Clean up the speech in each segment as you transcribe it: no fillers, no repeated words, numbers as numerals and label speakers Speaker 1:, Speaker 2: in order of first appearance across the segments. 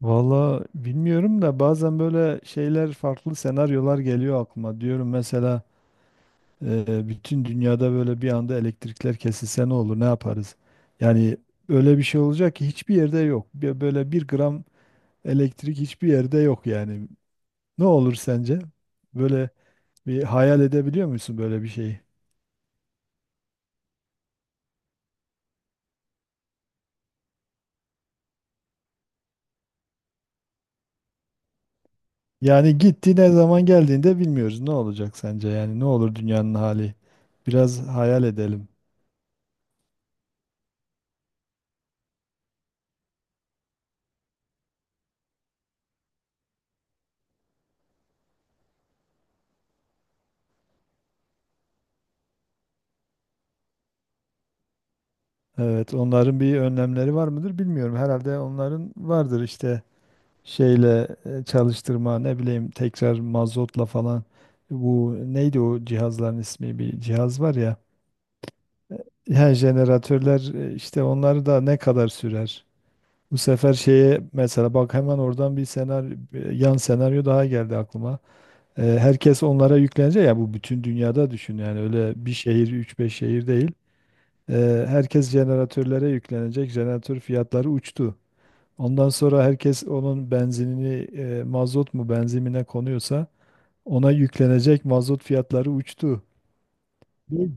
Speaker 1: Valla bilmiyorum da bazen böyle şeyler farklı senaryolar geliyor aklıma. Diyorum mesela bütün dünyada böyle bir anda elektrikler kesilse ne olur ne yaparız? Yani öyle bir şey olacak ki hiçbir yerde yok. Böyle bir gram elektrik hiçbir yerde yok yani. Ne olur sence? Böyle bir hayal edebiliyor musun böyle bir şeyi? Yani gitti ne zaman geldiğinde bilmiyoruz. Ne olacak sence? Yani ne olur dünyanın hali? Biraz hayal edelim. Evet, onların bir önlemleri var mıdır bilmiyorum. Herhalde onların vardır işte şeyle çalıştırma, ne bileyim tekrar mazotla falan. Bu neydi o cihazların ismi? Bir cihaz var ya. Her jeneratörler işte onları da ne kadar sürer? Bu sefer şeye mesela bak hemen oradan bir senaryo, bir yan senaryo daha geldi aklıma. Herkes onlara yüklenecek ya bu bütün dünyada düşün yani öyle bir şehir, üç beş şehir değil. Herkes jeneratörlere yüklenecek. Jeneratör fiyatları uçtu. Ondan sonra herkes onun benzinini mazot mu benzinine konuyorsa ona yüklenecek mazot fiyatları uçtu. Değil mi?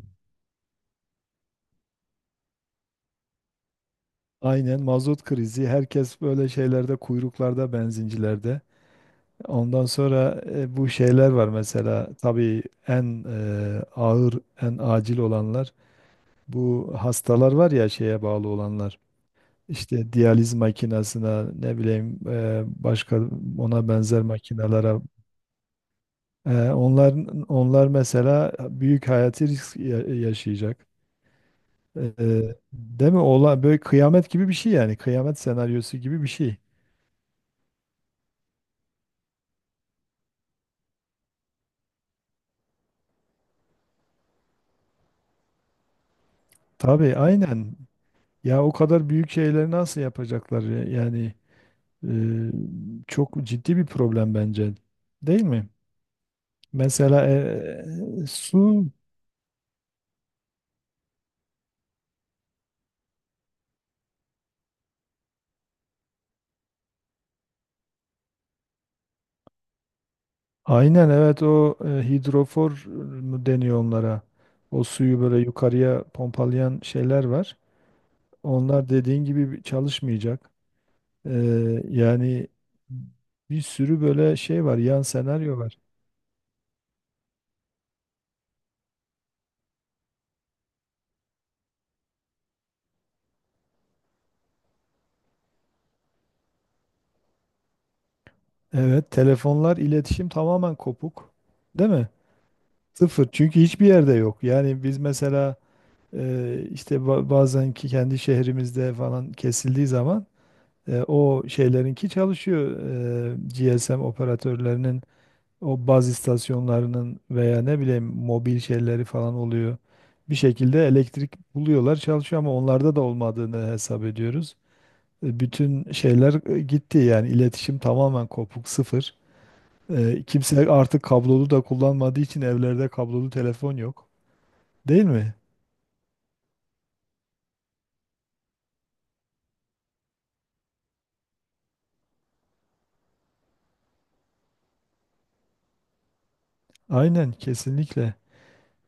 Speaker 1: Aynen mazot krizi. Herkes böyle şeylerde kuyruklarda benzincilerde. Ondan sonra bu şeyler var mesela tabii en ağır en acil olanlar bu hastalar var ya şeye bağlı olanlar. İşte diyaliz makinesine ne bileyim başka ona benzer makinelere. Onlar mesela büyük hayati risk yaşayacak. Değil mi? Ola böyle kıyamet gibi bir şey yani. Kıyamet senaryosu gibi bir şey. Tabii aynen. Ya o kadar büyük şeyleri nasıl yapacaklar ya? Yani çok ciddi bir problem bence. Değil mi? Mesela su aynen evet o hidrofor mu deniyor onlara. O suyu böyle yukarıya pompalayan şeyler var. Onlar dediğin gibi çalışmayacak. Yani bir sürü böyle şey var, yan senaryo var. Evet, telefonlar, iletişim tamamen kopuk. Değil mi? Sıfır. Çünkü hiçbir yerde yok. Yani biz mesela işte bazen ki kendi şehrimizde falan kesildiği zaman o şeylerinki çalışıyor. E, GSM operatörlerinin o baz istasyonlarının veya ne bileyim mobil şeyleri falan oluyor. Bir şekilde elektrik buluyorlar, çalışıyor ama onlarda da olmadığını hesap ediyoruz. Bütün şeyler gitti yani iletişim tamamen kopuk sıfır. Kimse artık kablolu da kullanmadığı için evlerde kablolu telefon yok. Değil mi? Aynen kesinlikle.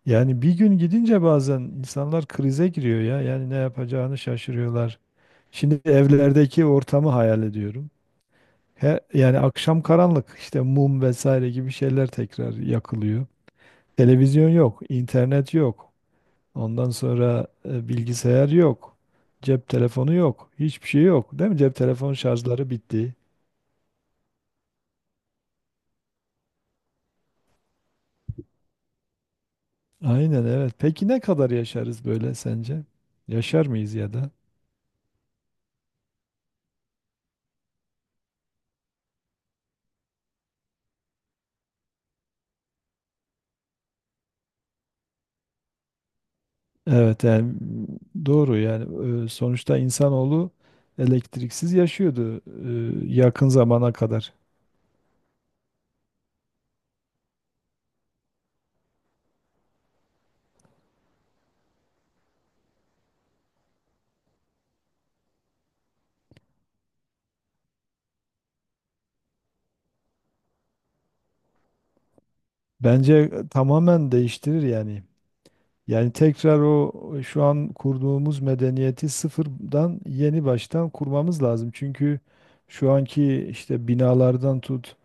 Speaker 1: Yani bir gün gidince bazen insanlar krize giriyor ya. Yani ne yapacağını şaşırıyorlar. Şimdi evlerdeki ortamı hayal ediyorum. He, yani akşam karanlık işte mum vesaire gibi şeyler tekrar yakılıyor. Televizyon yok, internet yok. Ondan sonra bilgisayar yok. Cep telefonu yok. Hiçbir şey yok. Değil mi? Cep telefon şarjları bitti. Aynen evet. Peki ne kadar yaşarız böyle sence? Yaşar mıyız ya da? Evet yani doğru yani sonuçta insanoğlu elektriksiz yaşıyordu yakın zamana kadar. Bence tamamen değiştirir yani. Yani tekrar o şu an kurduğumuz medeniyeti sıfırdan yeni baştan kurmamız lazım. Çünkü şu anki işte binalardan tut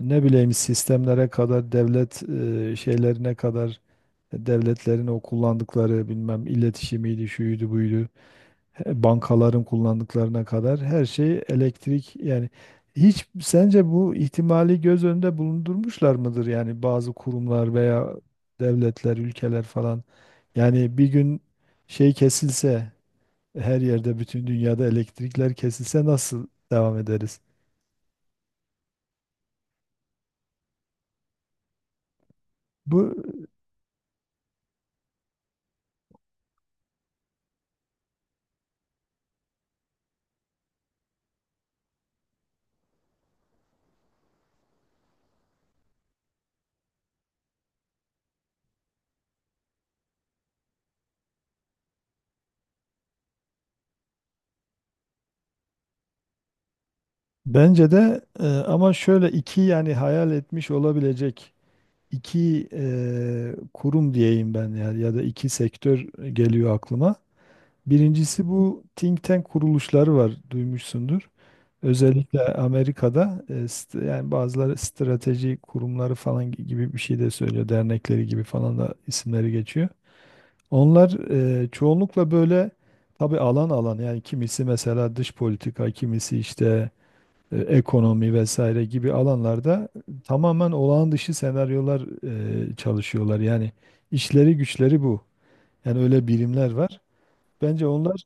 Speaker 1: ne bileyim sistemlere kadar devlet şeylerine kadar devletlerin o kullandıkları bilmem iletişimiydi, şuydu buydu, bankaların kullandıklarına kadar her şey elektrik yani hiç sence bu ihtimali göz önünde bulundurmuşlar mıdır yani bazı kurumlar veya devletler, ülkeler falan? Yani bir gün şey kesilse her yerde bütün dünyada elektrikler kesilse nasıl devam ederiz? Bu bence de ama şöyle iki yani hayal etmiş olabilecek iki kurum diyeyim ben ya ya da iki sektör geliyor aklıma. Birincisi bu think tank kuruluşları var duymuşsundur. Özellikle Amerika'da yani bazıları strateji kurumları falan gibi bir şey de söylüyor. Dernekleri gibi falan da isimleri geçiyor. Onlar çoğunlukla böyle tabii alan alan yani kimisi mesela dış politika, kimisi işte ekonomi vesaire gibi alanlarda tamamen olağan dışı senaryolar çalışıyorlar. Yani işleri güçleri bu. Yani öyle birimler var. Bence onlar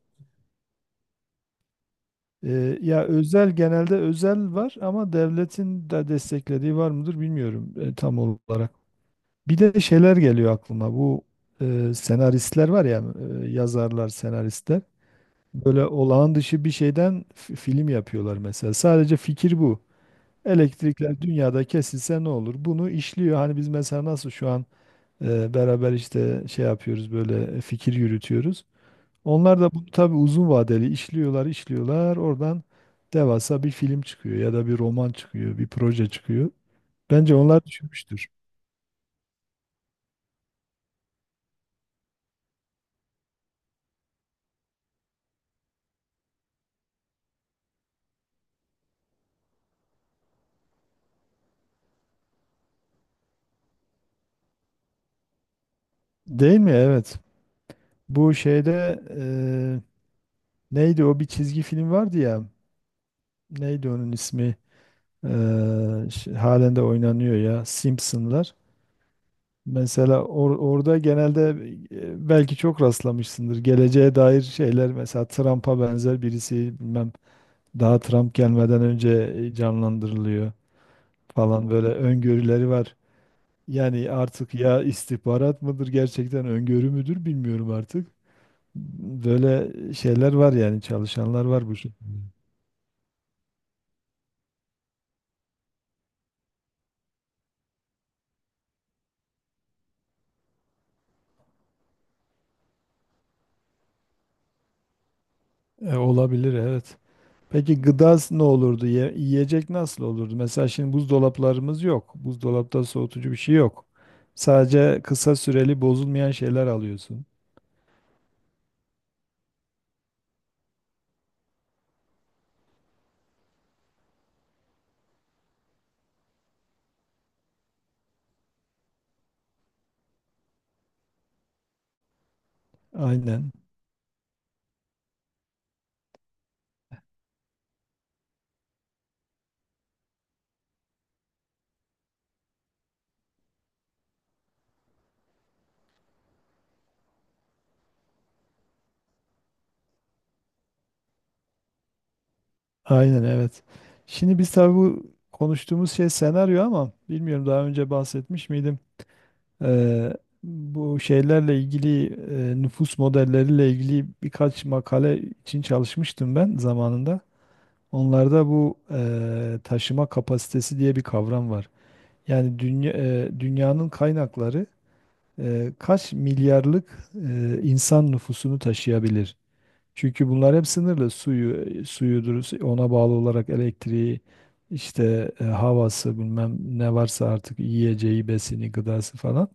Speaker 1: ya özel genelde özel var ama devletin de desteklediği var mıdır bilmiyorum tam olarak. Bir de şeyler geliyor aklıma. Bu senaristler var ya yazarlar, senaristler. Böyle olağan dışı bir şeyden film yapıyorlar mesela. Sadece fikir bu. Elektrikler dünyada kesilse ne olur? Bunu işliyor. Hani biz mesela nasıl şu an beraber işte şey yapıyoruz böyle fikir yürütüyoruz. Onlar da bunu tabii uzun vadeli işliyorlar, işliyorlar. Oradan devasa bir film çıkıyor ya da bir roman çıkıyor, bir proje çıkıyor. Bence onlar düşünmüştür. Değil mi? Evet. Bu şeyde neydi o bir çizgi film vardı ya. Neydi onun ismi? Halen de oynanıyor ya Simpsonlar. Mesela orada genelde belki çok rastlamışsındır. Geleceğe dair şeyler mesela Trump'a benzer birisi bilmem daha Trump gelmeden önce canlandırılıyor falan böyle öngörüleri var. Yani artık ya istihbarat mıdır gerçekten öngörü müdür bilmiyorum artık. Böyle şeyler var yani çalışanlar var bu şey. Olabilir evet. Peki gıda ne olurdu? Yiyecek nasıl olurdu? Mesela şimdi buzdolaplarımız yok. Buzdolapta soğutucu bir şey yok. Sadece kısa süreli bozulmayan şeyler alıyorsun. Aynen. Aynen evet. Şimdi biz tabii bu konuştuğumuz şey senaryo ama bilmiyorum daha önce bahsetmiş miydim? Ee, Bu şeylerle ilgili nüfus modelleriyle ilgili birkaç makale için çalışmıştım ben zamanında. Onlarda bu taşıma kapasitesi diye bir kavram var. Yani dünya, dünyanın kaynakları kaç milyarlık insan nüfusunu taşıyabilir? Çünkü bunlar hep sınırlı. Suyu, suyudur, ona bağlı olarak elektriği, işte havası bilmem ne varsa artık yiyeceği, besini, gıdası falan.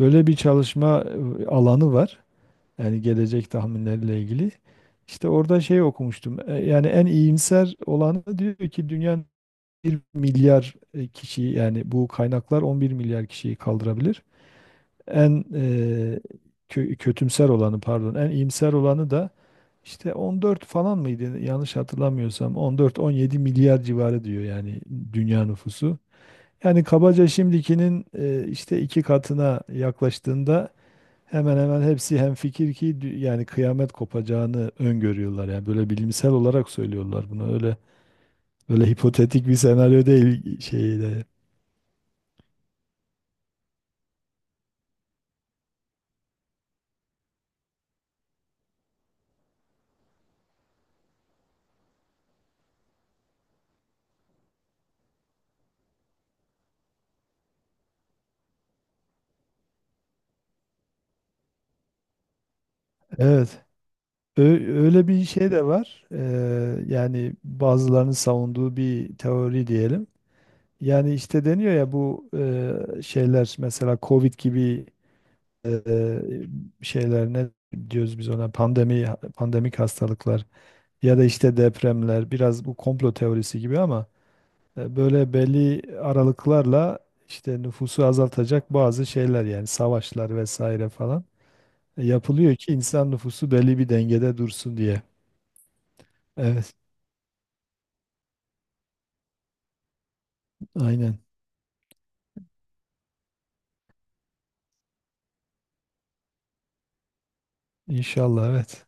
Speaker 1: Böyle bir çalışma alanı var. Yani gelecek tahminleriyle ilgili. İşte orada şey okumuştum. Yani en iyimser olanı diyor ki dünya milyar kişiyi yani bu kaynaklar 11 milyar kişiyi kaldırabilir. En e, Kötümser olanı pardon en iyimser olanı da işte 14 falan mıydı yanlış hatırlamıyorsam 14-17 milyar civarı diyor yani dünya nüfusu. Yani kabaca şimdikinin işte iki katına yaklaştığında hemen hemen hepsi hemfikir ki yani kıyamet kopacağını öngörüyorlar. Yani böyle bilimsel olarak söylüyorlar bunu öyle hipotetik bir senaryo değil şeyde. Evet. Öyle bir şey de var. Yani bazılarının savunduğu bir teori diyelim. Yani işte deniyor ya bu şeyler mesela Covid gibi e, şeyler ne diyoruz biz ona pandemi pandemik hastalıklar ya da işte depremler biraz bu komplo teorisi gibi ama böyle belli aralıklarla işte nüfusu azaltacak bazı şeyler yani savaşlar vesaire falan yapılıyor ki insan nüfusu belli bir dengede dursun diye. Evet. Aynen. İnşallah evet.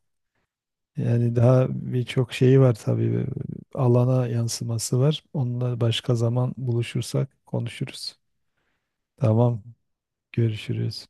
Speaker 1: Yani daha birçok şeyi var tabii. Alana yansıması var. Onunla başka zaman buluşursak konuşuruz. Tamam. Görüşürüz.